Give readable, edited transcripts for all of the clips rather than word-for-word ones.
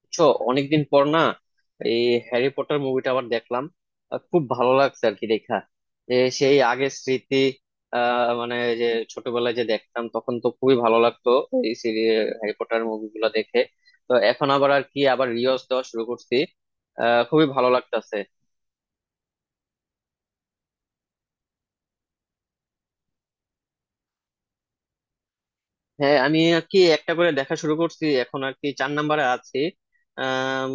বুঝছো? অনেকদিন পর না? এই হ্যারি পটার মুভিটা আবার দেখলাম। খুব ভালো লাগছে আর কি, দেখা যে সেই আগের স্মৃতি। মানে, যে ছোটবেলায় যে দেখতাম তখন তো খুবই ভালো লাগতো এই সিরিজ হ্যারি পটার মুভিগুলো দেখে। তো এখন আবার আর কি, আবার রিওয়াজ দেওয়া শুরু করছি। খুবই ভালো লাগতাছে। হ্যাঁ, আমি আর কি একটা করে দেখা শুরু করছি, এখন আর কি চার নাম্বারে আছি। আহ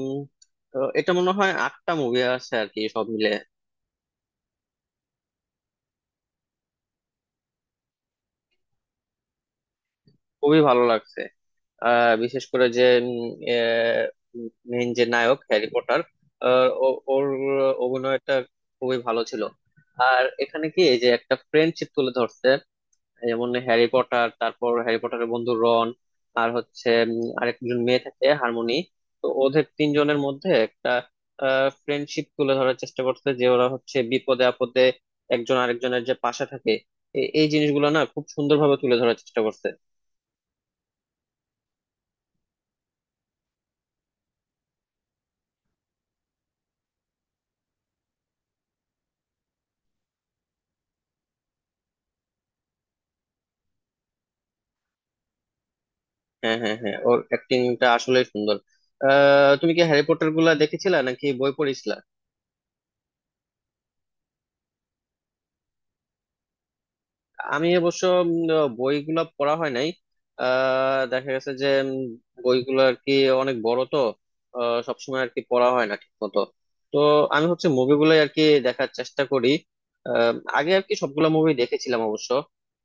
এটা মনে হয় আটটা মুভি আছে আর কি সব মিলে। খুবই ভালো লাগছে। বিশেষ করে যে মেইন যে নায়ক হ্যারি পটার, ওর অভিনয়টা খুবই ভালো ছিল। আর এখানে কি এই যে একটা ফ্রেন্ডশিপ তুলে ধরছে, যেমন হ্যারি পটার, তারপর হ্যারি পটারের বন্ধু রন, আর হচ্ছে আরেকজন মেয়ে থাকে হারমোনি। তো ওদের তিনজনের মধ্যে একটা ফ্রেন্ডশিপ তুলে ধরার চেষ্টা করছে, যে ওরা হচ্ছে বিপদে আপদে একজন আরেকজনের যে পাশে থাকে। এই জিনিসগুলো না খুব সুন্দরভাবে তুলে ধরার চেষ্টা করছে। হ্যাঁ, হ্যাঁ, হ্যাঁ, ওর অ্যাক্টিংটা আসলেই সুন্দর। তুমি কি হ্যারি পটার গুলা দেখেছিলা নাকি বই পড়েছিলা? আমি অবশ্য বইগুলো পড়া হয় নাই। দেখা গেছে যে বইগুলো আর কি অনেক বড় তো, সবসময় আর কি পড়া হয় না ঠিক মতো। তো আমি হচ্ছে মুভিগুলো আর কি দেখার চেষ্টা করি। আহ, আগে আর কি সবগুলো মুভি দেখেছিলাম অবশ্য।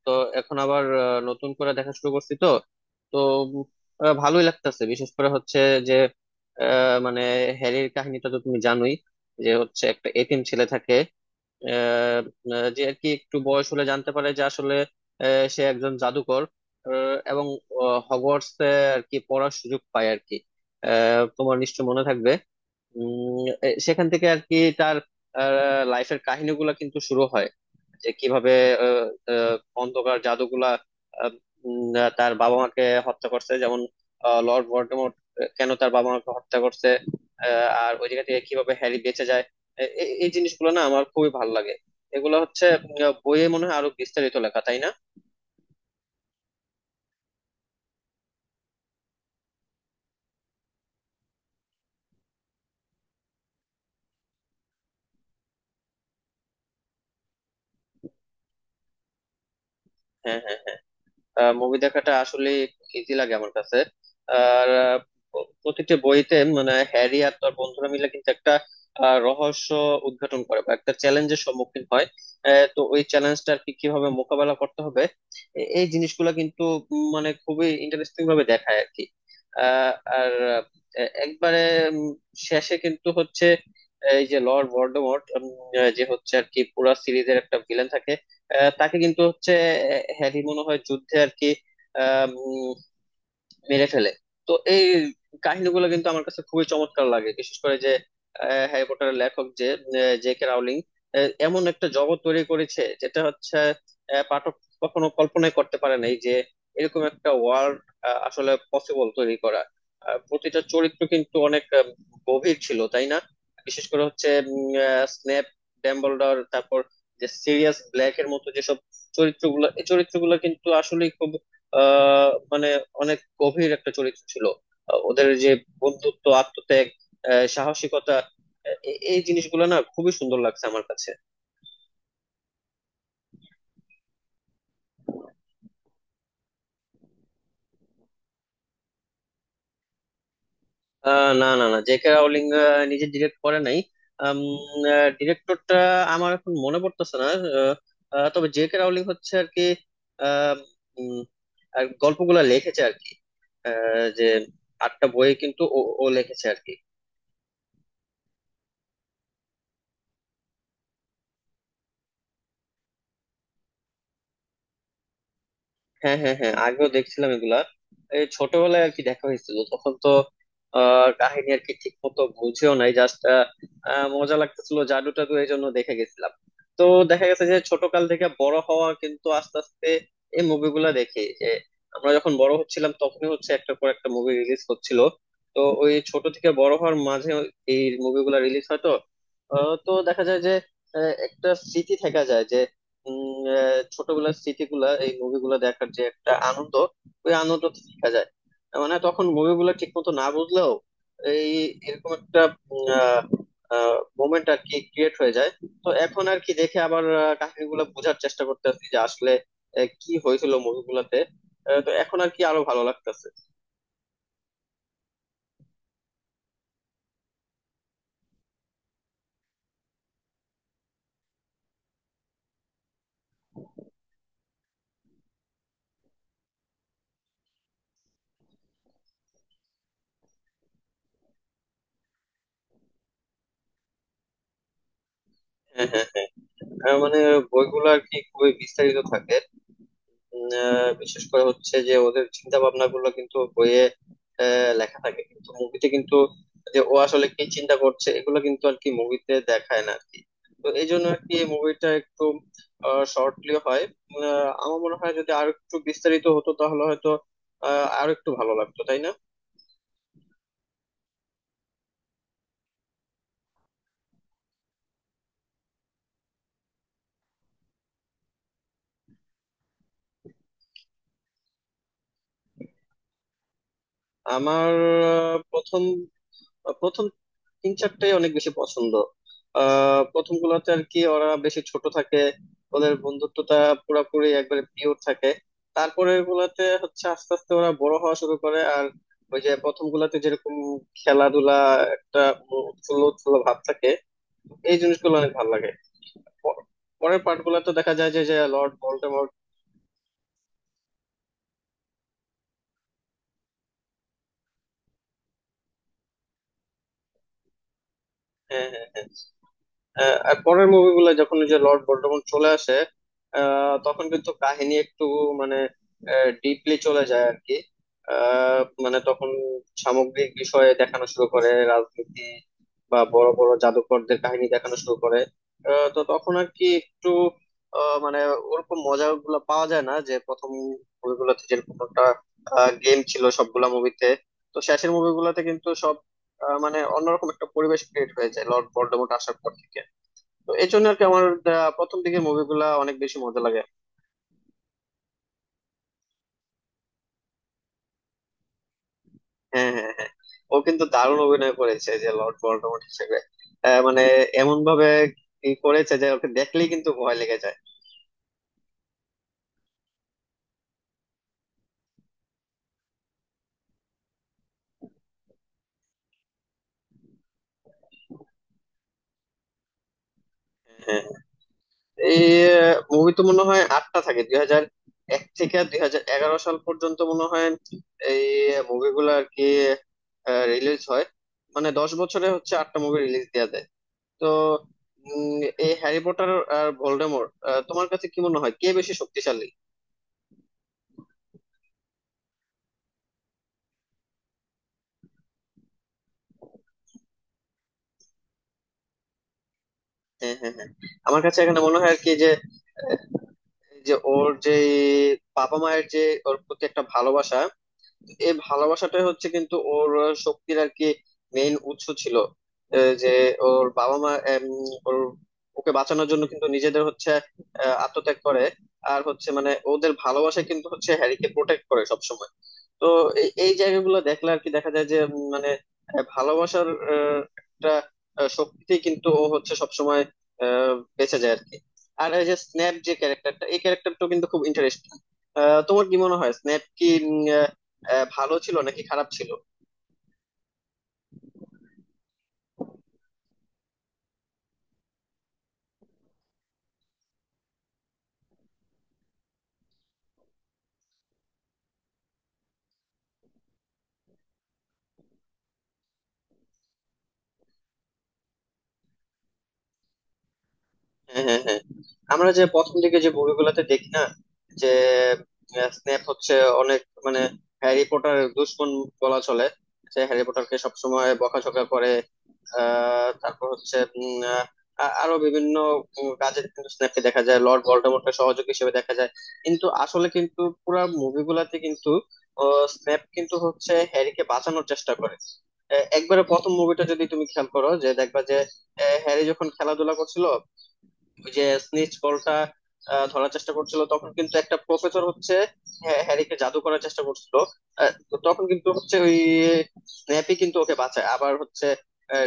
তো এখন আবার নতুন করে দেখা শুরু করছি তো। তো উম, ভালোই লাগতেছে, বিশেষ করে হচ্ছে যে, মানে, হ্যারির কাহিনীটা তো তুমি জানোই, যে হচ্ছে একটা এতিম ছেলে থাকে, আহ আহ, যে আর কি একটু বয়স হলে জানতে পারে যে আসলে সে একজন জাদুকর, এবং হগওয়ার্টস আর কি পড়ার সুযোগ পায় আর কি। তোমার নিশ্চয় মনে থাকবে, সেখান থেকে আর কি তার লাইফের কাহিনীগুলো কিন্তু শুরু হয়, যে কিভাবে আহ, আহ, অন্ধকার জাদুগুলা আহ, তার বাবা মাকে হত্যা করছে, যেমন লর্ড ভলডেমর্ট কেন তার বাবা মাকে হত্যা করছে, আর ওই জায়গা থেকে কিভাবে হ্যারি বেঁচে যায়। এই জিনিসগুলো না আমার খুবই ভালো লাগে। এগুলো হচ্ছে বইয়ে মনে হয় আরো বিস্তারিত লেখা, তাই না? হ্যাঁ, হ্যাঁ, হ্যাঁ, মুভি দেখাটা আসলে ইজি লাগে আমার কাছে। আর প্রতিটি বইতে মানে হ্যারি আর তার বন্ধুরা মিলে কিন্তু একটা রহস্য উদ্ঘাটন করে বা একটা চ্যালেঞ্জের সম্মুখীন হয়। তো ওই চ্যালেঞ্জটা আর কি কিভাবে মোকাবেলা করতে হবে, এই জিনিসগুলো কিন্তু, মানে, খুবই ইন্টারেস্টিং ভাবে দেখায় আর কি। আহ, আর একবারে উম, শেষে কিন্তু হচ্ছে এই যে লর্ড ভলডেমর্ট, যে হচ্ছে আর কি পুরা সিরিজের একটা ভিলেন থাকে, তাকে কিন্তু হচ্ছে হ্যারি মনে হয় যুদ্ধে আর কি আহ উম, মেরে ফেলে। তো এই কাহিনীগুলো কিন্তু আমার কাছে খুবই চমৎকার লাগে, বিশেষ করে যে হ্যারি পটারের লেখক যে জে কে রাউলিং এমন একটা জগৎ তৈরি করেছে, যেটা হচ্ছে পাঠক কখনো কল্পনাই করতে পারে নাই যে এরকম একটা ওয়ার্ল্ড আসলে পসিবল তৈরি করা। আর প্রতিটা চরিত্র কিন্তু অনেক গভীর ছিল, তাই না? বিশেষ করে হচ্ছে স্নেপ, ডাম্বলডর, তারপর যে সিরিয়াস ব্ল্যাক এর মতো যেসব চরিত্রগুলো, এই চরিত্রগুলো কিন্তু আসলে খুব মানে অনেক গভীর একটা চরিত্র ছিল। ওদের যে বন্ধুত্ব, আত্মত্যাগ, সাহসিকতা, এই জিনিসগুলো না খুবই সুন্দর লাগছে আমার কাছে। না, না, না, জেকে রাউলিং নিজে ডিরেক্ট করে নাই। ডিরেক্টরটা আমার এখন মনে পড়তেছে না। আহ, আহ, তবে জেকে রাউলিং হচ্ছে আর কি আহ, উম, আর গল্পগুলা লিখেছে আর কি, যে আটটা বই কিন্তু ও ও লিখেছে আর কি। হ্যাঁ, হ্যাঁ, হ্যাঁ, আগেও দেখছিলাম এগুলা। এই ছোটবেলায় আর কি দেখা হয়েছিল, তখন তো কাহিনী আর কি ঠিক মতো বুঝেও নাই, জাস্ট মজা লাগতেছিল জাদু টাদু, এই জন্য দেখে গেছিলাম। তো দেখা গেছে যে ছোটকাল থেকে বড় হওয়া কিন্তু আস্তে আস্তে এই মুভিগুলা দেখি, যে আমরা যখন বড় হচ্ছিলাম তখনই হচ্ছে একটা পর একটা মুভি রিলিজ হচ্ছিল। তো ওই ছোট থেকে বড় হওয়ার মাঝে এই মুভিগুলা রিলিজ হয় তো। তো দেখা যায় যে একটা স্মৃতি থেকে যায়, যে ছোটবেলার স্মৃতিগুলা, এই মুভিগুলো দেখার যে একটা আনন্দ, ওই আনন্দ থেকে যায়। মানে তখন মুভিগুলো ঠিক মতো না বুঝলেও এই, এরকম একটা মোমেন্ট আর কি ক্রিয়েট হয়ে যায়। তো এখন আর কি দেখে আবার কাহিনীগুলো বোঝার চেষ্টা করতেছি, যে আসলে কি হয়েছিল মুভিগুলোতে। তো এখন আর কি আরো ভালো লাগতেছে। হ্যাঁ, হ্যাঁ, হ্যাঁ, মানে বইগুলো আর কি খুবই বিস্তারিত থাকে। বিশেষ করে হচ্ছে যে ওদের চিন্তা ভাবনা গুলো কিন্তু বইয়ে লেখা থাকে, কিন্তু মুভিতে কিন্তু যে ও আসলে কি চিন্তা করছে এগুলো কিন্তু আর কি মুভিতে দেখায় না আর কি। তো এই জন্য আর কি মুভিটা একটু শর্টলি হয়। আমার মনে হয় যদি আরো একটু বিস্তারিত হতো তাহলে হয়তো আরো একটু ভালো লাগতো, তাই না? আমার আহ, প্রথম প্রথম তিন চারটাই অনেক বেশি পছন্দ। প্রথম গুলাতে আর কি ওরা বেশি ছোট থাকে, ওদের বন্ধুত্বটা পুরাপুরি একবারে পিওর থাকে। তারপরের গুলাতে হচ্ছে আস্তে আস্তে ওরা বড় হওয়া শুরু করে, আর ওই যে প্রথম গুলাতে যেরকম খেলাধুলা, একটা উৎফুল্ল উৎফুল্ল ভাব থাকে, এই জিনিসগুলো অনেক ভালো লাগে। প- পরের পার্ট গুলাতে দেখা যায় যে যে লর্ড ভোল্ডেমর্ট। হ্যাঁ, হ্যাঁ, হ্যাঁ, আর পরের মুভিগুলো যখন ওই যে লর্ড ভলডেমর্ট চলে আসে, তখন কিন্তু কাহিনী একটু, মানে, ডিপলি চলে যায় আর কি। মানে তখন সামগ্রিক বিষয়ে দেখানো শুরু করে, রাজনীতি বা বড় বড় জাদুকরদের কাহিনী দেখানো শুরু করে। তো তখন আর কি একটু, মানে ওরকম মজা গুলো পাওয়া যায় না, যে প্রথম মুভিগুলোতে যেরকম একটা গেম ছিল সবগুলা মুভিতে। তো শেষের মুভিগুলোতে কিন্তু সব মানে অন্যরকম একটা পরিবেশ ক্রিয়েট হয়ে যায় লর্ড ভলডেমর্ট আসার পর থেকে। তো এই জন্য আর কি আমার প্রথম দিকের মুভিগুলা অনেক বেশি মজা লাগে। হ্যাঁ, হ্যাঁ, হ্যাঁ, ও কিন্তু দারুণ অভিনয় করেছে যে লর্ড ভলডেমর্ট হিসেবে। মানে এমন ভাবে কি করেছে যে ওকে দেখলেই কিন্তু ভয় লেগে যায়। হ্যাঁ, হ্যাঁ। এই মুভি তো মনে হয় আটটা থাকে, 2001 থেকে 2011 সাল পর্যন্ত মনে হয় এই মুভিগুলো আর কি রিলিজ হয়। মানে 10 বছরে হচ্ছে আটটা মুভি রিলিজ দেওয়া দেয়। তো উম, এই হ্যারি পটার আর ভোল্ডেমর, তোমার কাছে কি মনে হয় কে বেশি শক্তিশালী? হ্যাঁ, হ্যাঁ, হ্যাঁ, আমার কাছে এখানে মনে হয় আর কি যে, এই যে ওর যে বাবা মায়ের যে ওর প্রতি একটা ভালোবাসা, এই ভালোবাসাটাই হচ্ছে কিন্তু ওর শক্তির আর কি মেইন উৎস ছিল। যে ওর বাবা মা ওর ওকে বাঁচানোর জন্য কিন্তু নিজেদের হচ্ছে আত্মত্যাগ করে। আর হচ্ছে মানে ওদের ভালোবাসা কিন্তু হচ্ছে হ্যারিকে প্রোটেক্ট করে সবসময়। তো এই এই জায়গাগুলো দেখলে আর কি দেখা যায় যে, মানে, ভালোবাসার একটা শক্তিতেই কিন্তু ও হচ্ছে সবসময় বেঁচে যায় আর কি। আর এই যে স্ন্যাপ যে ক্যারেক্টারটা, এই ক্যারেক্টারটা কিন্তু খুব ইন্টারেস্টিং। তোমার কি মনে হয় স্ন্যাপ কি ভালো ছিল নাকি খারাপ ছিল? হ্যাঁ, হ্যাঁ, হ্যাঁ, আমরা যে প্রথম দিকে যে মুভিগুলোতে দেখি না যে স্নেপ হচ্ছে অনেক, মানে, হ্যারি পটার দুশমন বলা চলে, যে হ্যারি পটারকে সবসময় বকাঝকা করে। তারপর হচ্ছে আরো বিভিন্ন কাজে কিন্তু স্নেপকে দেখা যায় লর্ড ভলডেমর্টের সহযোগী হিসেবে দেখা যায়। কিন্তু আসলে কিন্তু পুরো মুভিগুলাতে কিন্তু স্নেপ কিন্তু হচ্ছে হ্যারিকে বাঁচানোর চেষ্টা করে। একবারে প্রথম মুভিটা যদি তুমি খেয়াল করো যে দেখবা যে, হ্যারি যখন খেলাধুলা করছিল ওই যে স্নিচ বলটা ধরার চেষ্টা করছিল, তখন কিন্তু একটা প্রফেসর হচ্ছে হ্যারিকে জাদু করার চেষ্টা করছিল। তো তখন কিন্তু হচ্ছে ওই স্ন্যাপই কিন্তু ওকে বাঁচায়, আবার হচ্ছে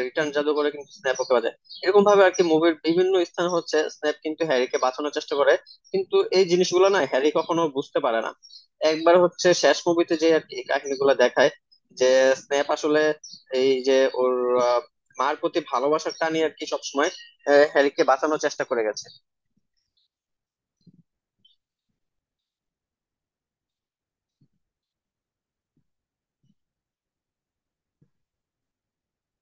রিটার্ন জাদু করে কিন্তু স্ন্যাপ ওকে বাঁচায়। এরকম ভাবে আর কি মুভির বিভিন্ন স্থান হচ্ছে স্ন্যাপ কিন্তু হ্যারিকে বাঁচানোর চেষ্টা করে, কিন্তু এই জিনিসগুলো না হ্যারি কখনো বুঝতে পারে না। একবার হচ্ছে শেষ মুভিতে যে আর কি এই কাহিনীগুলো দেখায় যে স্ন্যাপ আসলে এই যে ওর আহ, মার প্রতি ভালোবাসার টানই আর কি সবসময় হ্যারিকে বাঁচানোর চেষ্টা করে গেছে।